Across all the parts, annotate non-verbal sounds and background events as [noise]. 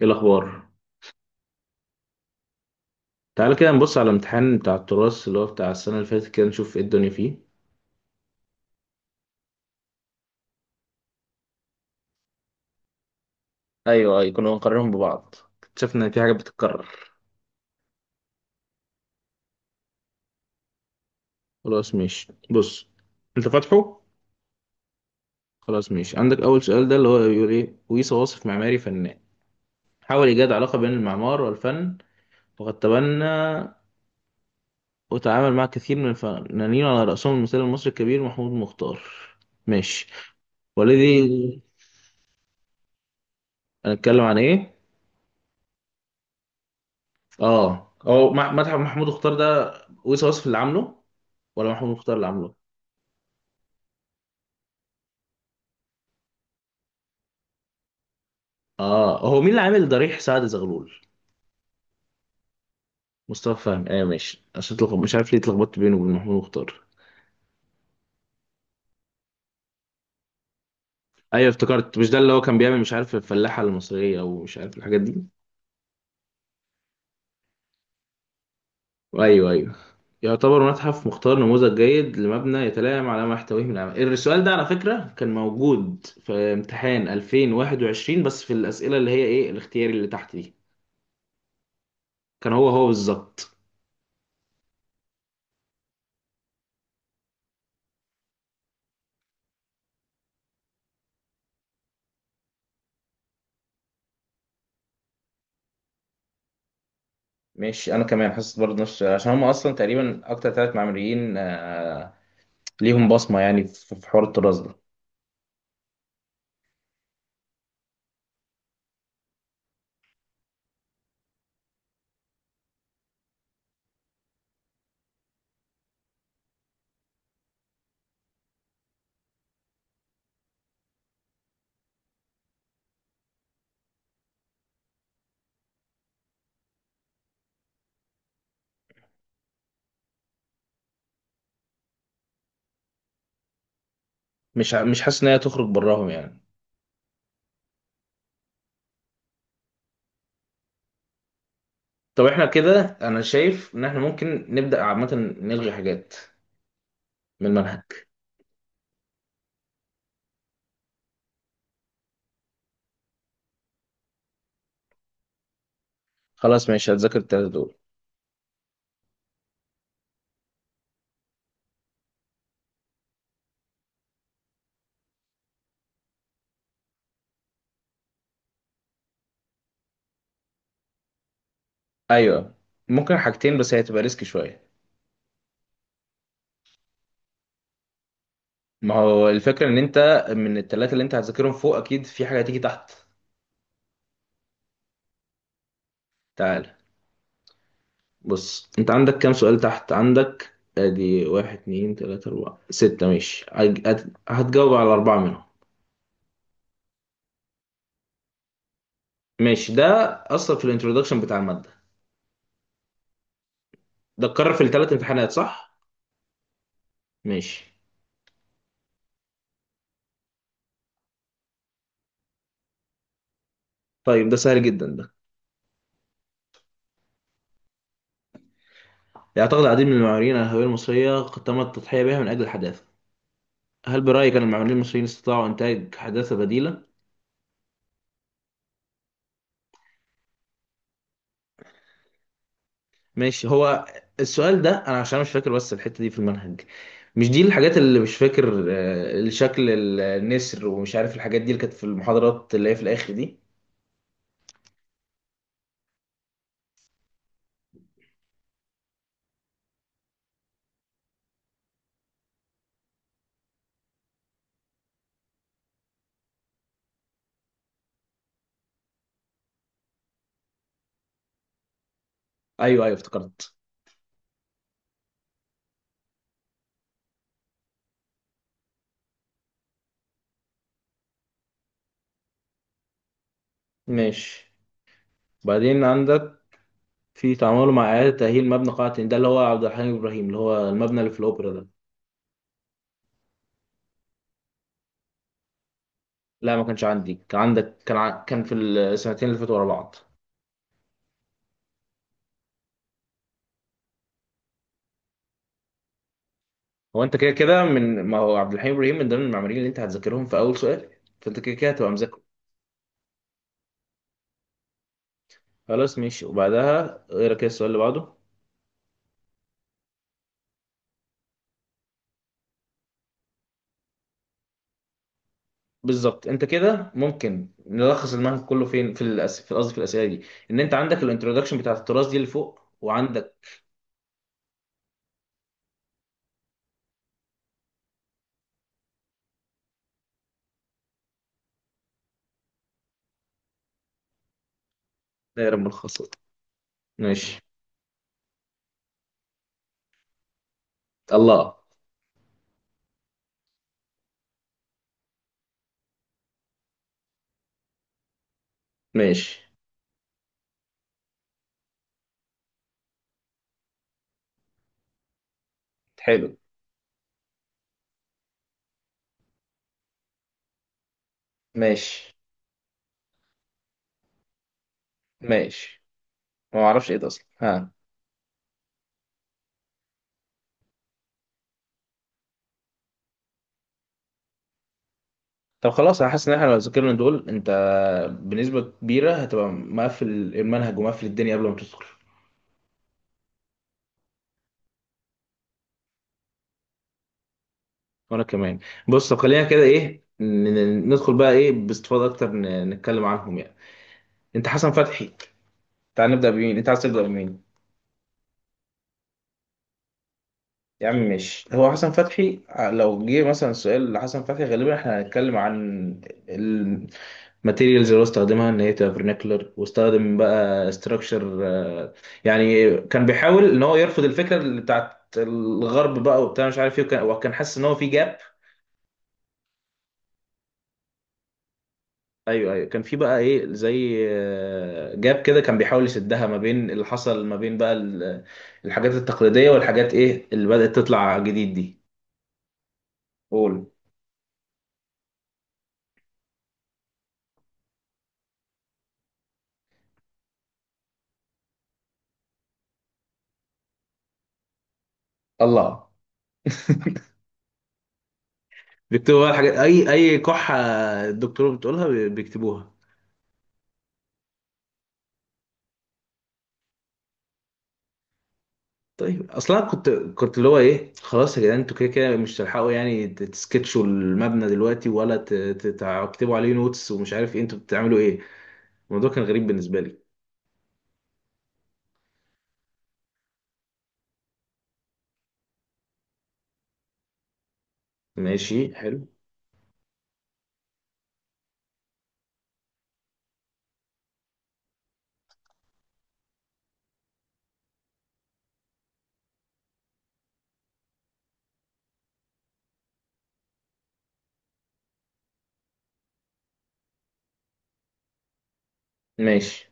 ايه الاخبار؟ تعال كده نبص على الامتحان بتاع التراث اللي هو بتاع السنه اللي فاتت، كده نشوف ايه الدنيا فيه. ايوه ايوه، كنا بنقارنهم ببعض. اكتشفنا ان في حاجه بتتكرر. خلاص ماشي، بص، انت فاتحه؟ خلاص ماشي، عندك اول سؤال ده اللي هو بيقول ايه: ويصا واصف معماري فنان، حاول ايجاد علاقه بين المعمار والفن، وقد تبنى وتعامل مع كثير من الفنانين على راسهم المثال المصري الكبير محمود مختار. ماشي. والذي هنتكلم عن ايه؟ اه، هو مدحت محمود مختار ده، ويصي وصف اللي عامله، ولا محمود مختار اللي عامله؟ اه، هو مين اللي عامل ضريح سعد زغلول؟ مصطفى فهمي، ايوه ماشي، عشان تلخبط، مش عارف ليه اتلخبطت بينه وبين محمود مختار. ايوه افتكرت، مش ده اللي هو كان بيعمل، مش عارف، الفلاحه المصريه او مش عارف الحاجات دي؟ ايوه ايوه. يعتبر متحف مختار نموذج جيد لمبنى يتلائم على ما يحتويه من العمل. السؤال ده على فكره كان موجود في امتحان 2021، بس في الاسئله اللي هي ايه، الاختياري اللي تحت دي. كان هو بالظبط. ماشي انا كمان حاسس برضه نفس، عشان هم اصلا تقريبا اكتر 3 معماريين، ليهم بصمه يعني في حوار الطراز ده. مش حاسس ان هي تخرج براهم يعني. طب احنا كده انا شايف ان احنا ممكن نبدا عامه نلغي حاجات من المنهج. خلاص ماشي هتذاكر ال3 دول. ايوه، ممكن حاجتين بس هي هتبقى ريسك شويه. ما هو الفكره ان انت من ال3 اللي انت هتذاكرهم فوق اكيد في حاجه هتيجي تحت. تعال. بص، انت عندك كام سؤال تحت عندك؟ ادي واحد اتنين تلاتة اربعة ستة، ماشي هتجاوب على 4 منهم. ماشي ده اصلا في الانترودكشن بتاع المادة. ده اتكرر في ال3 امتحانات صح؟ ماشي. طيب ده سهل جدا ده. يعتقد العديد من المعماريين على الهوية المصرية قد تم التضحية بها من اجل الحداثة، هل برأيك ان المعماريين المصريين استطاعوا انتاج حداثة بديلة؟ ماشي، هو السؤال ده انا عشان مش فاكر بس الحتة دي في المنهج. مش دي الحاجات اللي مش فاكر، شكل النسر ومش عارف الحاجات دي اللي كانت في المحاضرات اللي هي في الاخر دي. ايوه ايوه افتكرت. ماشي، بعدين عندك في تعامله مع اعاده تاهيل مبنى قاعة هند، ده اللي هو عبد الحليم ابراهيم، اللي هو المبنى اللي في الاوبرا ده. لا ما كانش عندي، كان عندك، كان في السنتين اللي فاتوا ورا بعض. هو انت كده كده، من ما هو عبد الحليم ابراهيم من ضمن المعماريين اللي انت هتذاكرهم في اول سؤال، فانت كده كده هتبقى مذاكره. خلاص ماشي، وبعدها ايه رأيك السؤال اللي بعده؟ بالظبط، انت كده ممكن نلخص المنهج كله فين، في قصدي في الاسئله دي، ان انت عندك الانترودكشن بتاعت التراث دي اللي فوق وعندك دايره ملخصات. ماشي. الله. ماشي حلو. ماشي. ماشي ما اعرفش ايه ده اصلا، ها. طب خلاص انا حاسس ان احنا لو ذاكرنا دول، انت بنسبه كبيره هتبقى مقفل المنهج ومقفل الدنيا قبل ما تدخل. وانا كمان. بص، طب خلينا كده ايه، ندخل بقى ايه باستفاضه اكتر، نتكلم عنهم يعني. انت حسن فتحي، تعال نبدا بمين، انت عايز تبدا بمين؟ يا عم ماشي، هو حسن فتحي لو جه مثلا سؤال لحسن فتحي غالبا احنا هنتكلم عن الماتيريالز اللي هو استخدمها ان هي تبقى vernacular، واستخدم بقى ستراكشر. يعني كان بيحاول ان هو يرفض الفكره اللي بتاعت الغرب بقى وبتاع مش عارف ايه، وكان حاسس ان هو في جاب. ايوه ايوه، كان في بقى ايه زي جاب كده، كان بيحاول يسدها ما بين اللي حصل ما بين بقى الحاجات التقليديه والحاجات ايه اللي بدات تطلع جديد دي. قول. الله. [laughs] بيكتبوا بقى الحاجات، اي اي كحه الدكتور بتقولها بيكتبوها. طيب اصلا كنت اللي هو ايه، خلاص يا جدعان انتوا كده كده مش تلحقوا يعني تسكتشوا المبنى دلوقتي ولا تكتبوا عليه نوتس ومش عارف ايه، انتوا بتعملوا ايه؟ الموضوع كان غريب بالنسبه لي. ماشي حلو. ماشي،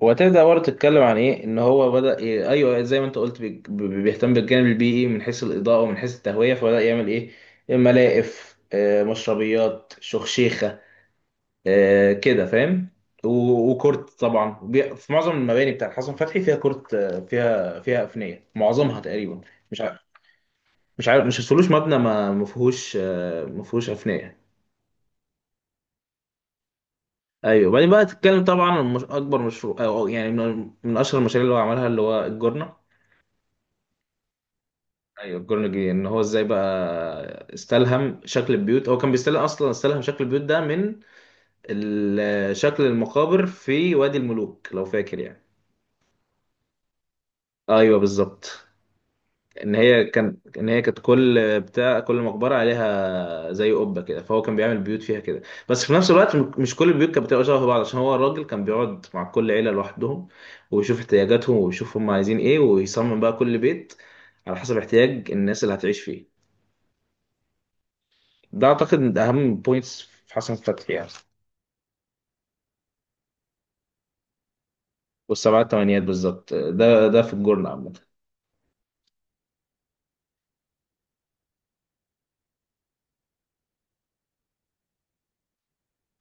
وهتبدأ برضه تتكلم عن إيه إن هو بدأ إيه، أيوه زي ما أنت قلت بيهتم بالجانب البيئي من حيث الإضاءة ومن حيث التهوية، فبدأ يعمل إيه، ملاقف، مشربيات، شخشيخة، كده فاهم. وكورت طبعا، في معظم المباني بتاعت حسن فتحي فيها كورت، فيها فيها أفنية معظمها تقريبا. مش عارف، مش عارف مش هتقولوش مبنى ما فيهوش، ما فيهوش أفنية. ايوه، وبعدين بقى تتكلم طبعا عن اكبر مشروع أو أو يعني من اشهر المشاريع اللي هو عملها اللي هو الجورنة. ايوه الكورنيجي، ان هو ازاي بقى استلهم شكل البيوت، هو كان بيستلهم اصلا، استلهم شكل البيوت ده من شكل المقابر في وادي الملوك لو فاكر يعني. ايوه بالظبط. ان هي كان ان هي كانت كل بتاع كل مقبره عليها زي قبه كده، فهو كان بيعمل بيوت فيها كده. بس في نفس الوقت مش كل البيوت كانت بتبقى شبه بعض، عشان هو الراجل كان بيقعد مع كل عيله لوحدهم ويشوف احتياجاتهم ويشوف هم عايزين ايه، ويصمم بقى كل بيت على حسب احتياج الناس اللي هتعيش فيه. ده اعتقد من اهم بوينتس في حسن فتحي يعني. والسبعة التمانيات بالظبط، ده ده في الجورنال عامة.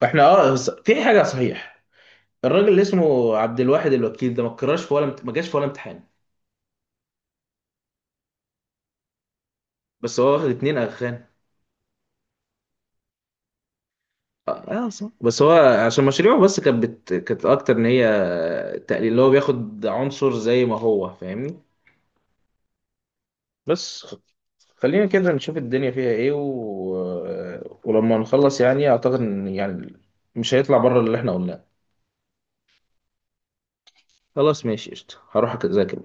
فاحنا اه، بس في حاجة صحيح، الراجل اللي اسمه عبد الواحد الوكيل ده ما اتكررش في ولا ما جاش في ولا امتحان. بس هو واخد 2 اغخان. اه، صح. بس هو عشان مشاريعه بس كانت كانت اكتر ان هي تقليل اللي هو بياخد عنصر زي ما هو فاهمني. بس خلينا كده نشوف الدنيا فيها ايه و... ولما نخلص يعني اعتقد ان يعني مش هيطلع بره اللي احنا قلناه. خلاص ماشي قشطة، هروح أذاكر.